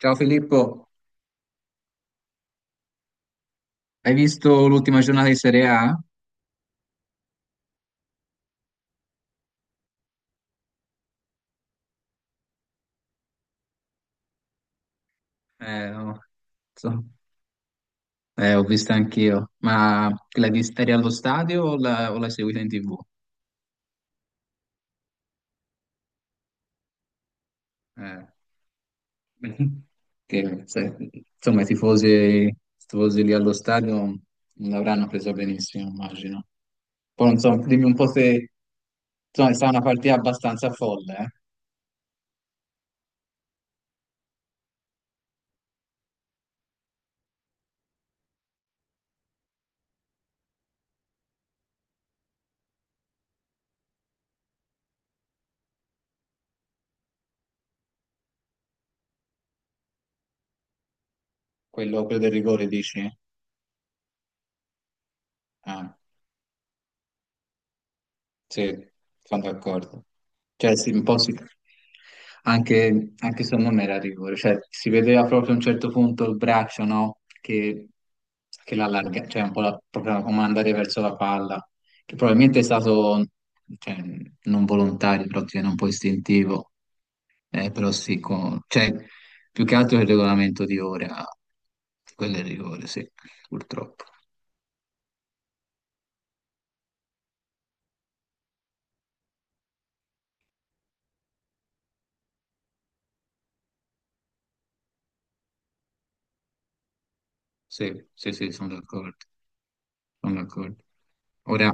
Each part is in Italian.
Ciao Filippo, hai visto l'ultima giornata di Serie A? No, so- ho visto anch'io, ma l'hai vista eri allo stadio o o l'hai seguita in TV? Eh, che, se- insomma, i tifosi lì allo stadio non l'avranno presa benissimo, immagino. Poi non so, dimmi un po' se... Insomma, è stata una partita abbastanza folle, eh? Quello del rigore, dici? Ah. Sì, sono d'accordo. Cioè, sì, un po' anche se non era rigore, cioè, si vedeva proprio a un certo punto il braccio, no? Che l'allarga, cioè un po' proprio come andare verso la palla, che probabilmente è stato, cioè, non volontario, però tiene un po' istintivo, però sì, cioè, più che altro il regolamento di ora, quello è il rigore, sì, purtroppo. Sì, sì, sì, sono d'accordo, sono d'accordo. Ora,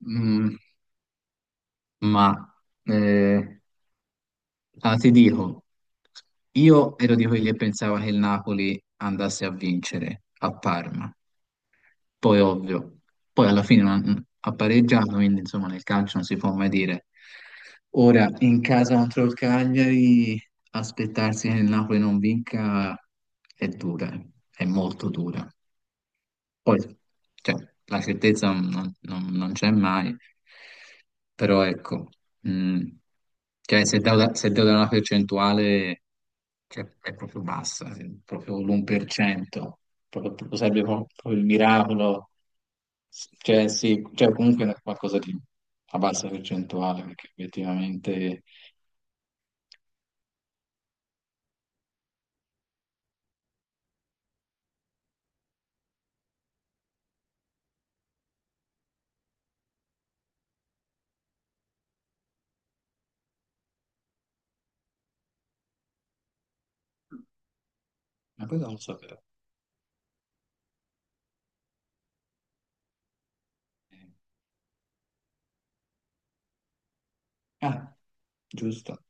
mm, Ma eh, ti dico, io ero di quelli che pensava che il Napoli andasse a vincere a Parma, poi ovvio, poi alla fine ha pareggiato, quindi insomma nel calcio non si può mai dire. Ora in casa contro il Cagliari aspettarsi che il Napoli non vinca è dura, eh. È molto dura. Poi, cioè, la certezza non c'è mai, però ecco, mh, cioè, se devo dare una percentuale, cioè, è proprio bassa, è proprio l'1%, proprio sarebbe proprio il miracolo, cioè sì, cioè, comunque è qualcosa di a bassa percentuale, perché effettivamente. Ma poi non lo sapevo. Ah, giusto.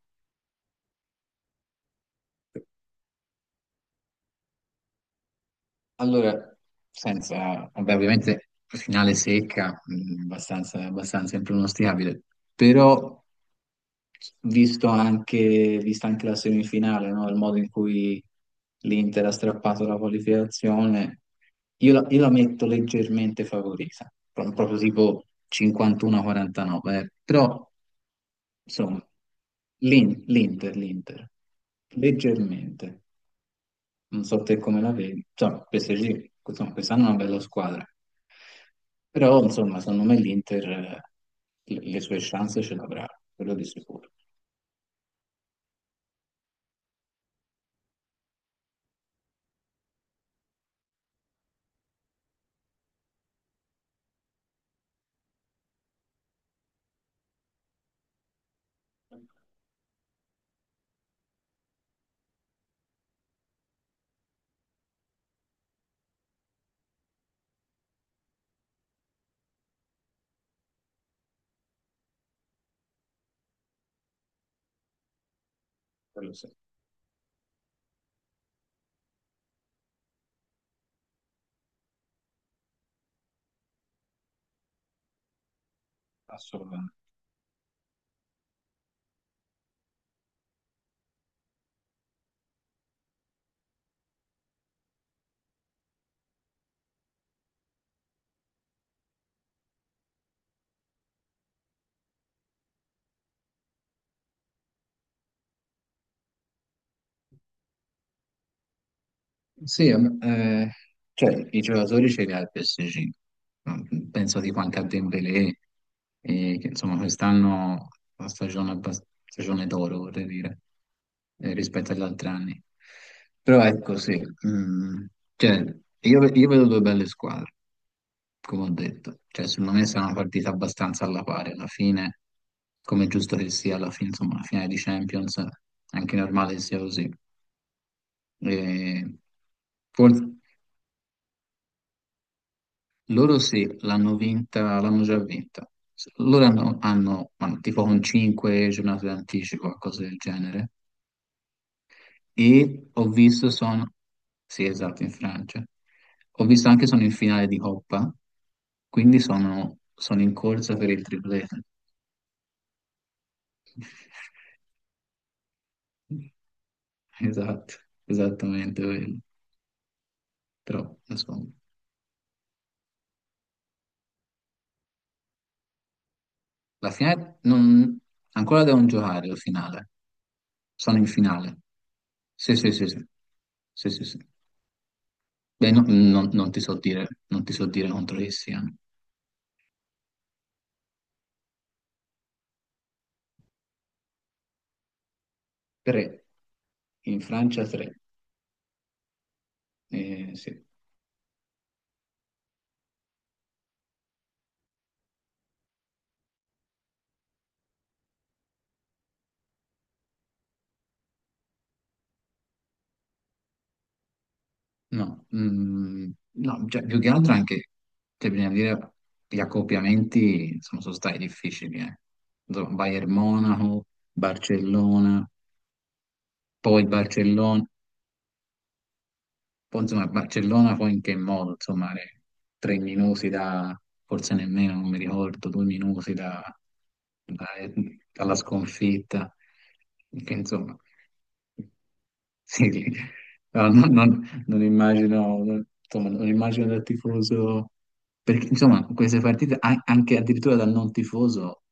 Allora, senza, vabbè, ovviamente finale secca, abbastanza impronosticabile, però vista anche la semifinale, no? Il modo in cui l'Inter ha strappato la qualificazione, io la metto leggermente favorita, proprio tipo 51-49, eh. Però insomma, l'Inter, leggermente non so te come la vedi. Cioè, PSG, insomma, quest'anno è una bella squadra, però insomma, secondo me l'Inter le sue chance ce l'avrà, quello di sicuro, quello sì, assolutamente. Sì, cioè, i giocatori ce li ha il PSG. Penso tipo anche a Dembélé, che insomma quest'anno è una stagione d'oro, vorrei dire, rispetto agli altri anni. Però ecco, sì, mm, cioè, io vedo due belle squadre, come ho detto. Cioè, secondo me sarà una partita abbastanza alla pari alla fine, come è giusto che sia alla fine, insomma, la finale di Champions, è anche normale che sia così. E forse. Loro sì, l'hanno vinta, l'hanno già vinta. Loro hanno tipo con 5 giornate d'anticipo, cose del genere. E ho visto sono. Sì, esatto, in Francia. Ho visto anche sono in finale di Coppa, quindi sono in corsa per il triplete. Esatto, esattamente quello. Però, insomma, la finale non, ancora devono giocare la finale. Sono in finale. Sì, sì, sì, sì. Sì, sì, sì. Beh, non ti so dire, non ti so dire contro chi siano. Tre. In Francia tre. Sì. No, no, cioè, più che altro anche, cioè, bisogna dire, gli accoppiamenti sono stati difficili. Insomma, Bayern Monaco, Barcellona, Barcellona. Poi insomma a Barcellona poi in che modo? Insomma, 3 minuti da, forse nemmeno, non mi ricordo, 2 minuti da- eh, dalla sconfitta, che insomma, sì, no, non immagino, insomma, non immagino dal tifoso, perché insomma queste partite, anche addirittura dal non tifoso,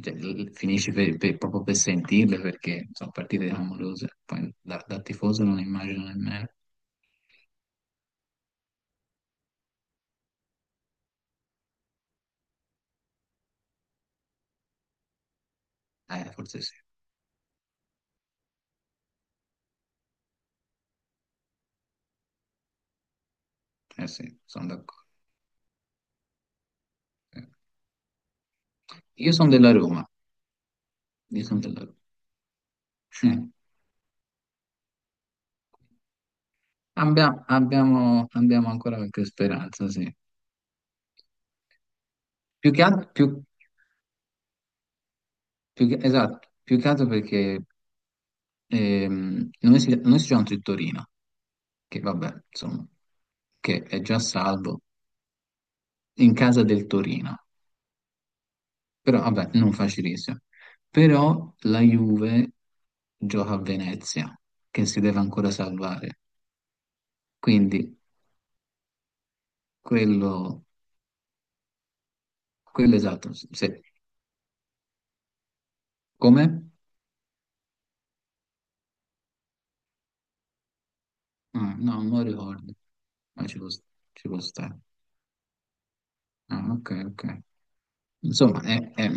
cioè, finisci proprio per sentirle, perché sono partite clamorose, poi dal tifoso non immagino nemmeno, forse sì. Eh sì, sono d'accordo. Eh, Io sono della Roma, io sono della Roma. Eh, abbiamo ancora qualche speranza, sì. Più che altro, più, più che- esatto, più che altro perché noi siamo contro il Torino, che vabbè, insomma, che è già salvo in casa del Torino, però vabbè, non facilissimo. Però la Juve gioca a Venezia, che si deve ancora salvare, quindi quello. Quello esatto, sì, sì. Come? Ah, no, non lo ricordo, ma ci può stare. Ah, ok, ok. Insomma,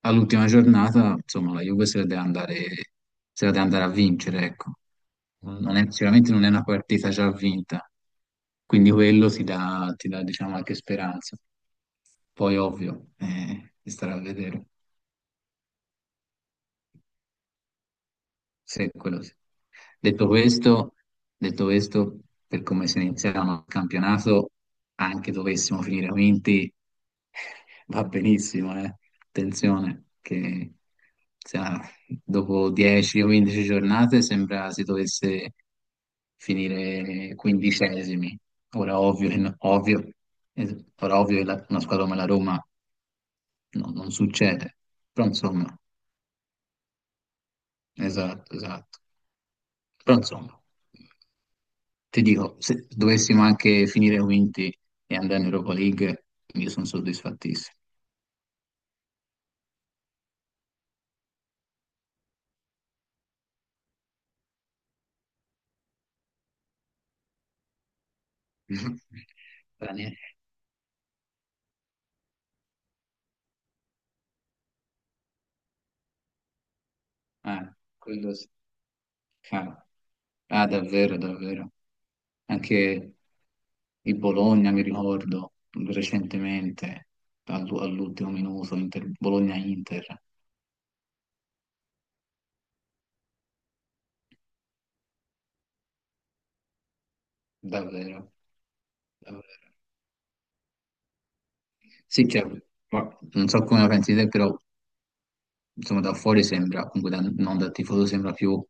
all'ultima giornata, insomma, la Juve se la deve andare a vincere, ecco. Non è- Sicuramente non è una partita già vinta, quindi quello ti dà, diciamo, anche speranza. Poi, ovvio, si starà a vedere. Sì, quello sì. Detto questo, detto questo, per come si iniziava il campionato, anche dovessimo finire quinti, va benissimo, eh. Attenzione, che sa, dopo 10 o 15 giornate sembra si dovesse finire quindicesimi. Ora ovvio, che no- ovvio, ora ovvio che una squadra come la Roma non succede, però insomma, esatto, esatto. Però insomma, ti dico, se dovessimo anche finire quinti e andare in Europa League, io sono soddisfattissimo. Daniele. Ah, quello sì. Ah, ah, davvero, davvero. Anche il Bologna, mi ricordo, recentemente, all'ultimo minuto, Bologna-Inter, davvero. Davvero. Sì, cioè, ma non so come la pensi te, però insomma da fuori sembra, comunque non da tifoso, sembra più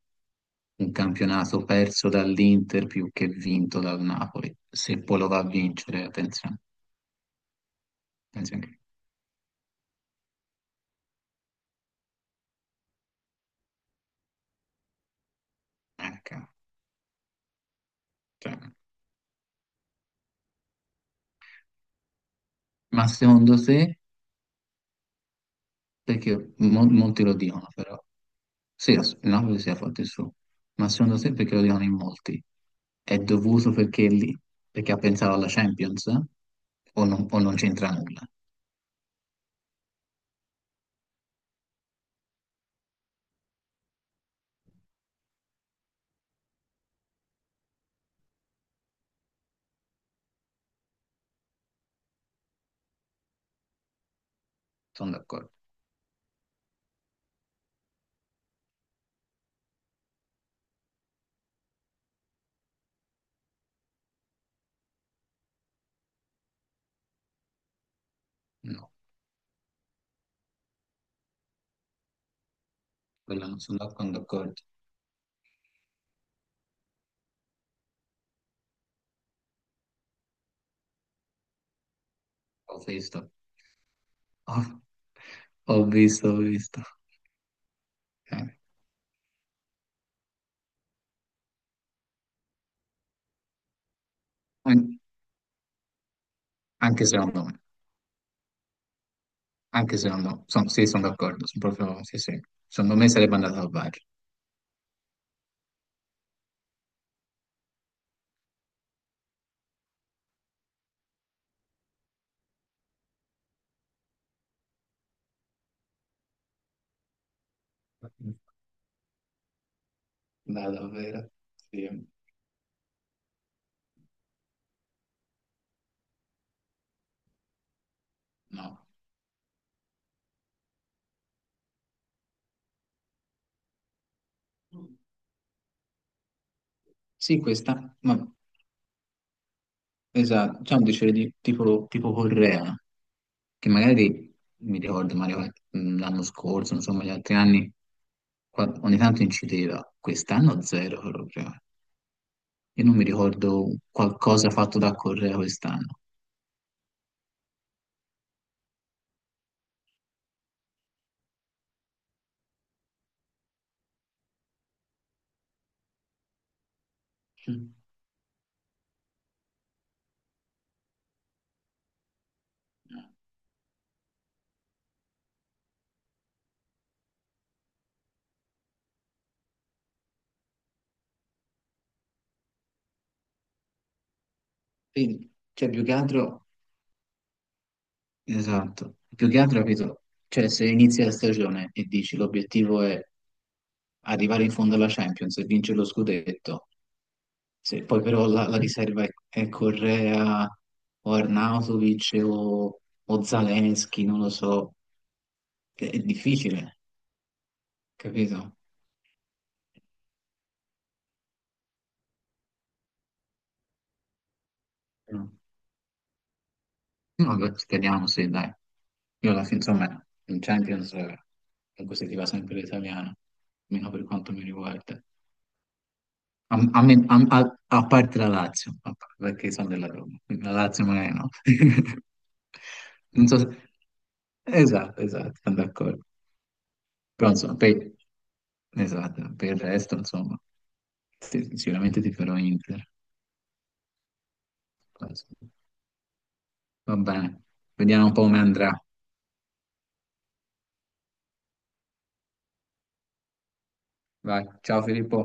un campionato perso dall'Inter più che vinto dal Napoli, se poi lo va a vincere, attenzione, attenzione. Ecco, cioè, ma secondo te, perché molti lo dicono però, sì, il Napoli si è fatto il suo, ma secondo te perché lo dicono in molti? È dovuto perché, lì, perché ha pensato alla Champions? O non c'entra nulla? Sono d'accordo. No, quello non sono d'accordo. Ho visto. Ho, ho visto, ho visto. Eh, an- anche secondo me, anche secondo me, sì, sono d'accordo, sono proprio, sì, sì, secondo me sarebbe andato al VAR. No, davvero. Sì, no. Sì, questa, ma esatto, c'è un dicere di, tipo Correa, che magari mi ricordo Mario, l'anno scorso, insomma, gli altri anni, ogni tanto incideva, quest'anno zero proprio. Io non mi ricordo qualcosa fatto da Correa quest'anno. Mm. Quindi, cioè, più che altro, esatto, più che altro, capito? Cioè, se inizi la stagione e dici l'obiettivo è arrivare in fondo alla Champions e vincere lo scudetto, se poi però la riserva è Correa o Arnautovic o Zaleschi, non lo so, è difficile, capito? No, vabbè, speriamo, sì, dai. Io alla fine, insomma, in Champions comunque si ti va sempre l'italiano, almeno per quanto mi riguarda. A parte la Lazio, perché sono della Roma, quindi la Lazio magari no. Non so. Esatto, esatto, sono d'accordo. Però insomma, Esatto, per il resto, insomma, sì, sì, sicuramente ti farò Inter. Poi, insomma, va bene, vediamo un po' come andrà. Vai, ciao Filippo.